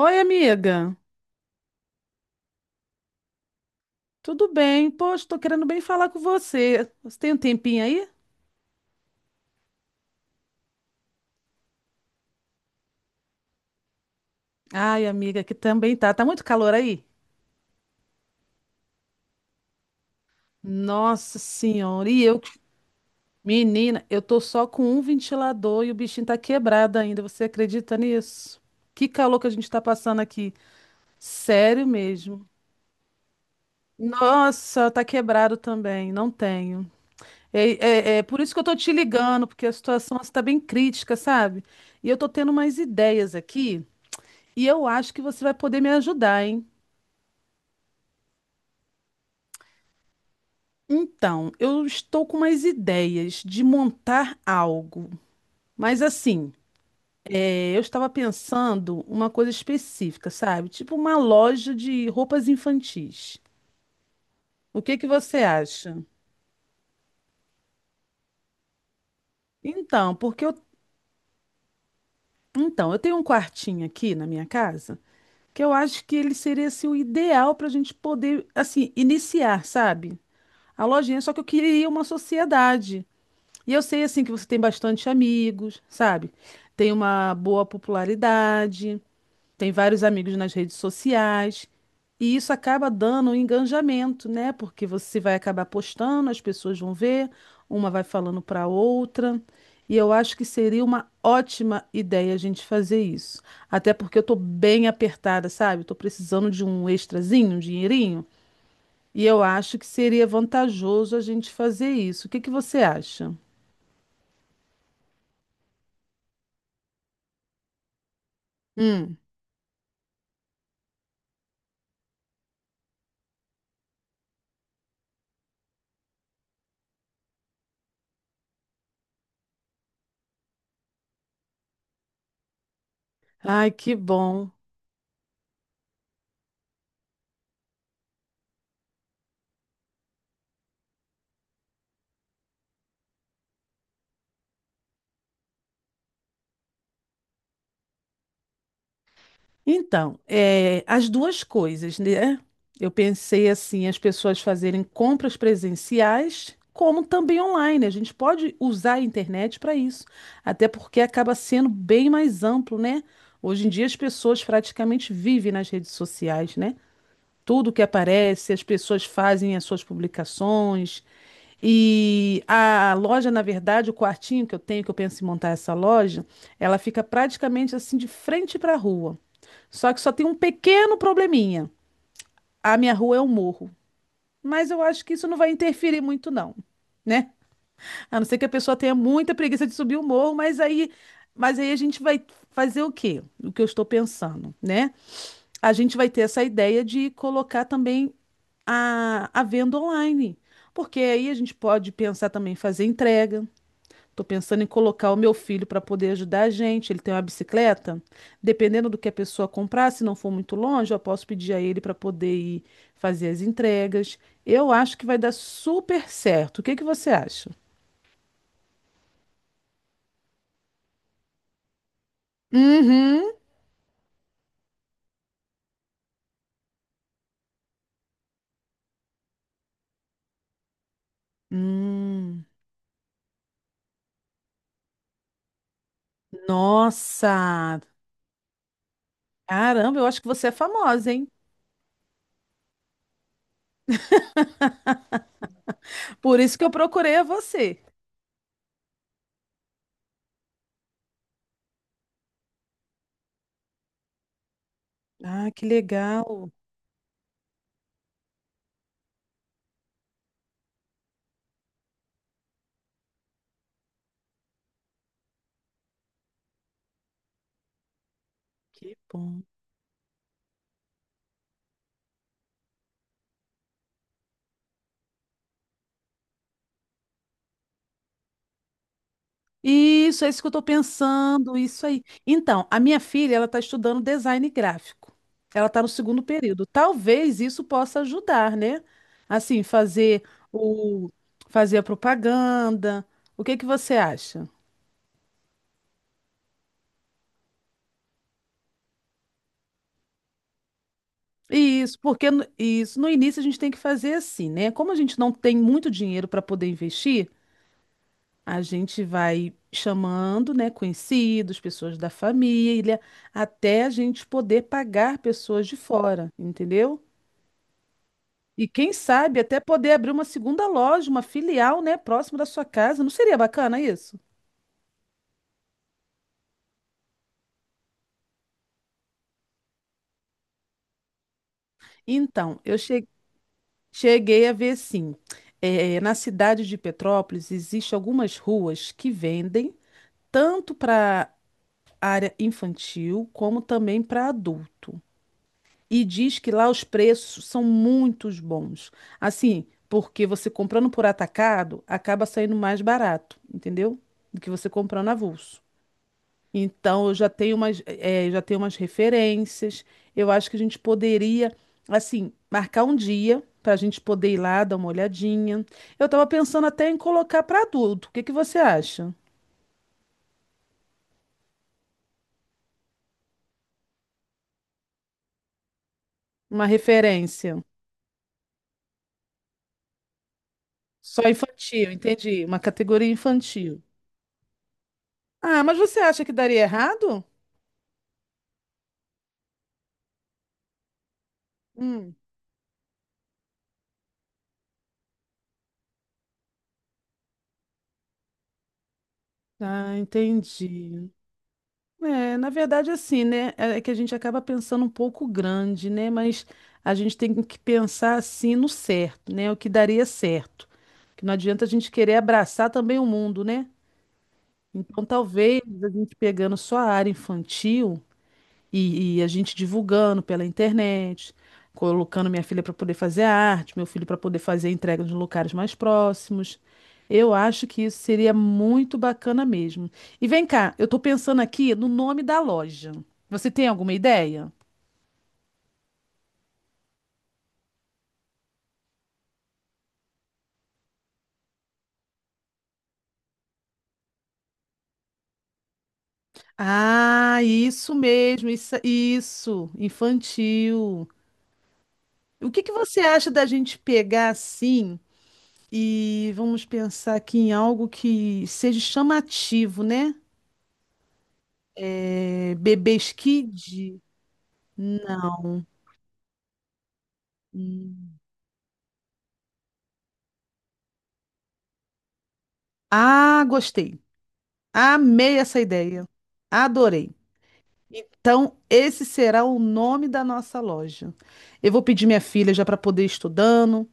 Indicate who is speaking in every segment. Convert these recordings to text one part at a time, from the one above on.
Speaker 1: Oi, amiga. Tudo bem? Poxa, tô querendo bem falar com você. Você tem um tempinho aí? Ai, amiga, que também tá. Tá muito calor aí? Nossa senhora, e eu, menina, eu tô só com um ventilador e o bichinho tá quebrado ainda. Você acredita nisso? Que calor que a gente tá passando aqui. Sério mesmo. Nossa, tá quebrado também, não tenho. É por isso que eu tô te ligando, porque a situação está bem crítica, sabe? E eu tô tendo umas ideias aqui. E eu acho que você vai poder me ajudar, hein? Então, eu estou com umas ideias de montar algo. Mas assim, eu estava pensando uma coisa específica, sabe? Tipo uma loja de roupas infantis. O que que você acha? Então, porque eu, então, eu tenho um quartinho aqui na minha casa que eu acho que ele seria assim, o ideal para a gente poder, assim, iniciar, sabe? A lojinha, só que eu queria uma sociedade. E eu sei assim que você tem bastante amigos, sabe? Tem uma boa popularidade, tem vários amigos nas redes sociais, e isso acaba dando um engajamento, né? Porque você vai acabar postando, as pessoas vão ver, uma vai falando para outra. E eu acho que seria uma ótima ideia a gente fazer isso. Até porque eu tô bem apertada, sabe? Eu tô precisando de um extrazinho, um dinheirinho, e eu acho que seria vantajoso a gente fazer isso. O que que você acha? Hum. Ai, que bom. Então, é, as duas coisas, né? Eu pensei assim, as pessoas fazerem compras presenciais, como também online. A gente pode usar a internet para isso, até porque acaba sendo bem mais amplo, né? Hoje em dia as pessoas praticamente vivem nas redes sociais, né? Tudo que aparece, as pessoas fazem as suas publicações. E a loja, na verdade, o quartinho que eu tenho, que eu penso em montar essa loja, ela fica praticamente assim de frente para a rua. Só que só tem um pequeno probleminha. A minha rua é um morro. Mas eu acho que isso não vai interferir muito, não, né? A não ser que a pessoa tenha muita preguiça de subir o morro, mas aí a gente vai fazer o quê? O que eu estou pensando, né? A gente vai ter essa ideia de colocar também a venda online. Porque aí a gente pode pensar também em fazer entrega. Tô pensando em colocar o meu filho para poder ajudar a gente. Ele tem uma bicicleta. Dependendo do que a pessoa comprar, se não for muito longe, eu posso pedir a ele para poder ir fazer as entregas. Eu acho que vai dar super certo. O que que você acha? Uhum. Hum. Nossa! Caramba, eu acho que você é famosa, hein? Por isso que eu procurei a você. Ah, que legal. Que bom. Isso, é isso que eu tô pensando, isso aí. Então, a minha filha, ela tá estudando design gráfico. Ela tá no segundo período. Talvez isso possa ajudar, né? Assim, fazer o fazer a propaganda. O que que você acha? Isso, porque isso no início a gente tem que fazer assim, né? Como a gente não tem muito dinheiro para poder investir, a gente vai chamando, né, conhecidos, pessoas da família, até a gente poder pagar pessoas de fora, entendeu? E quem sabe até poder abrir uma segunda loja, uma filial, né, próximo da sua casa. Não seria bacana isso? Então, eu cheguei a ver sim. Na cidade de Petrópolis existem algumas ruas que vendem tanto para área infantil como também para adulto. E diz que lá os preços são muito bons. Assim, porque você comprando por atacado acaba saindo mais barato, entendeu? Do que você comprando avulso. Então, eu já tenho umas referências. Eu acho que a gente poderia, assim, marcar um dia para a gente poder ir lá dar uma olhadinha. Eu estava pensando até em colocar para adulto. O que que você acha? Uma referência. Só infantil, entendi. Uma categoria infantil. Ah, mas você acha que daria errado? Hum. Ah, entendi. É, na verdade, assim, né? É que a gente acaba pensando um pouco grande, né? Mas a gente tem que pensar assim no certo, né? O que daria certo. Que não adianta a gente querer abraçar também o mundo, né? Então, talvez a gente pegando só a área infantil. E a gente divulgando pela internet, colocando minha filha para poder fazer a arte, meu filho para poder fazer a entrega nos locais mais próximos. Eu acho que isso seria muito bacana mesmo. E vem cá, eu estou pensando aqui no nome da loja. Você tem alguma ideia? Ah, isso mesmo, isso, infantil. O que que você acha da gente pegar assim e vamos pensar aqui em algo que seja chamativo, né? É, Bebês Kid? Não. Ah, gostei. Amei essa ideia. Adorei. Então, esse será o nome da nossa loja. Eu vou pedir minha filha já para poder ir estudando,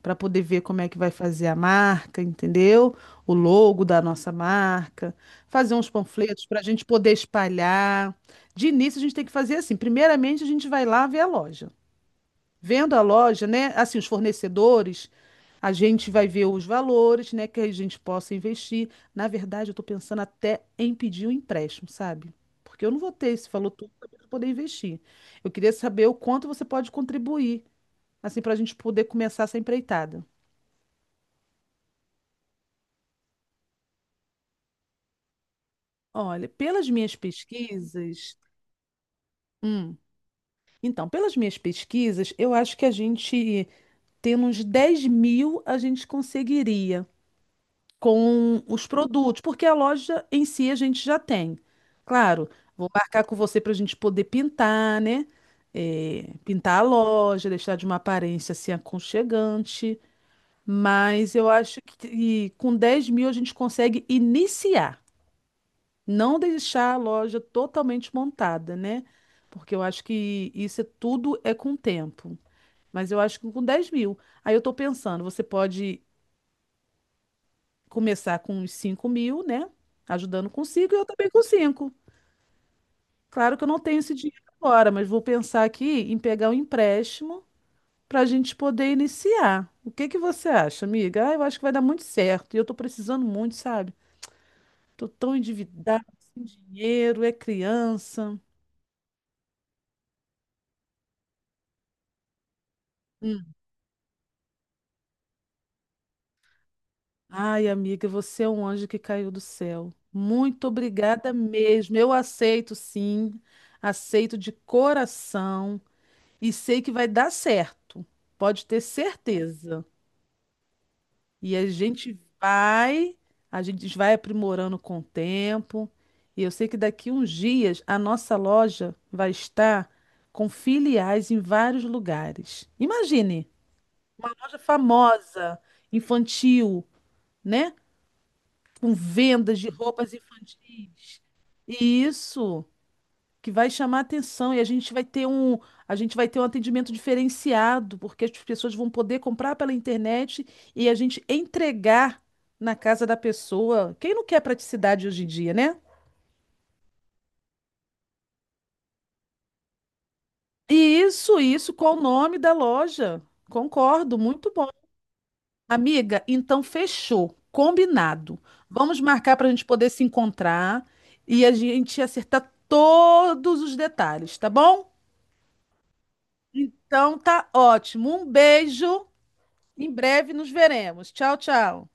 Speaker 1: para poder ver como é que vai fazer a marca, entendeu? O logo da nossa marca, fazer uns panfletos para a gente poder espalhar. De início, a gente tem que fazer assim. Primeiramente, a gente vai lá ver a loja. Vendo a loja, né? Assim, os fornecedores, a gente vai ver os valores, né? Que a gente possa investir. Na verdade, eu estou pensando até em pedir um empréstimo, sabe? Porque eu não vou ter esse valor todo para poder investir. Eu queria saber o quanto você pode contribuir, assim, para a gente poder começar essa empreitada. Olha, pelas minhas pesquisas. Hum, então, pelas minhas pesquisas, eu acho que a gente, tendo uns 10 mil, a gente conseguiria, com os produtos, porque a loja em si a gente já tem. Claro, vou marcar com você para a gente poder pintar, né? É, pintar a loja, deixar de uma aparência assim aconchegante. Mas eu acho que com 10 mil a gente consegue iniciar, não deixar a loja totalmente montada, né? Porque eu acho que tudo é com o tempo. Mas eu acho que com 10 mil. Aí eu estou pensando, você pode começar com uns 5 mil, né? Ajudando com 5 e eu também com 5. Claro que eu não tenho esse dinheiro agora, mas vou pensar aqui em pegar um empréstimo para a gente poder iniciar. O que que você acha, amiga? Ah, eu acho que vai dar muito certo. E eu tô precisando muito, sabe? Tô tão endividada, sem dinheiro, é criança. Hum. Ai, amiga, você é um anjo que caiu do céu. Muito obrigada mesmo. Eu aceito, sim. Aceito de coração e sei que vai dar certo. Pode ter certeza. E a gente vai aprimorando com o tempo. E eu sei que daqui uns dias a nossa loja vai estar com filiais em vários lugares. Imagine, uma loja famosa, infantil, né? Com vendas de roupas infantis. Isso. Que vai chamar atenção e a gente vai ter um, a gente vai ter um atendimento diferenciado, porque as pessoas vão poder comprar pela internet e a gente entregar na casa da pessoa. Quem não quer praticidade hoje em dia, né? E isso, qual o nome da loja? Concordo, muito bom. Amiga, então fechou, combinado. Vamos marcar para a gente poder se encontrar e a gente acertar todos os detalhes, tá bom? Então tá ótimo. Um beijo. Em breve nos veremos. Tchau, tchau.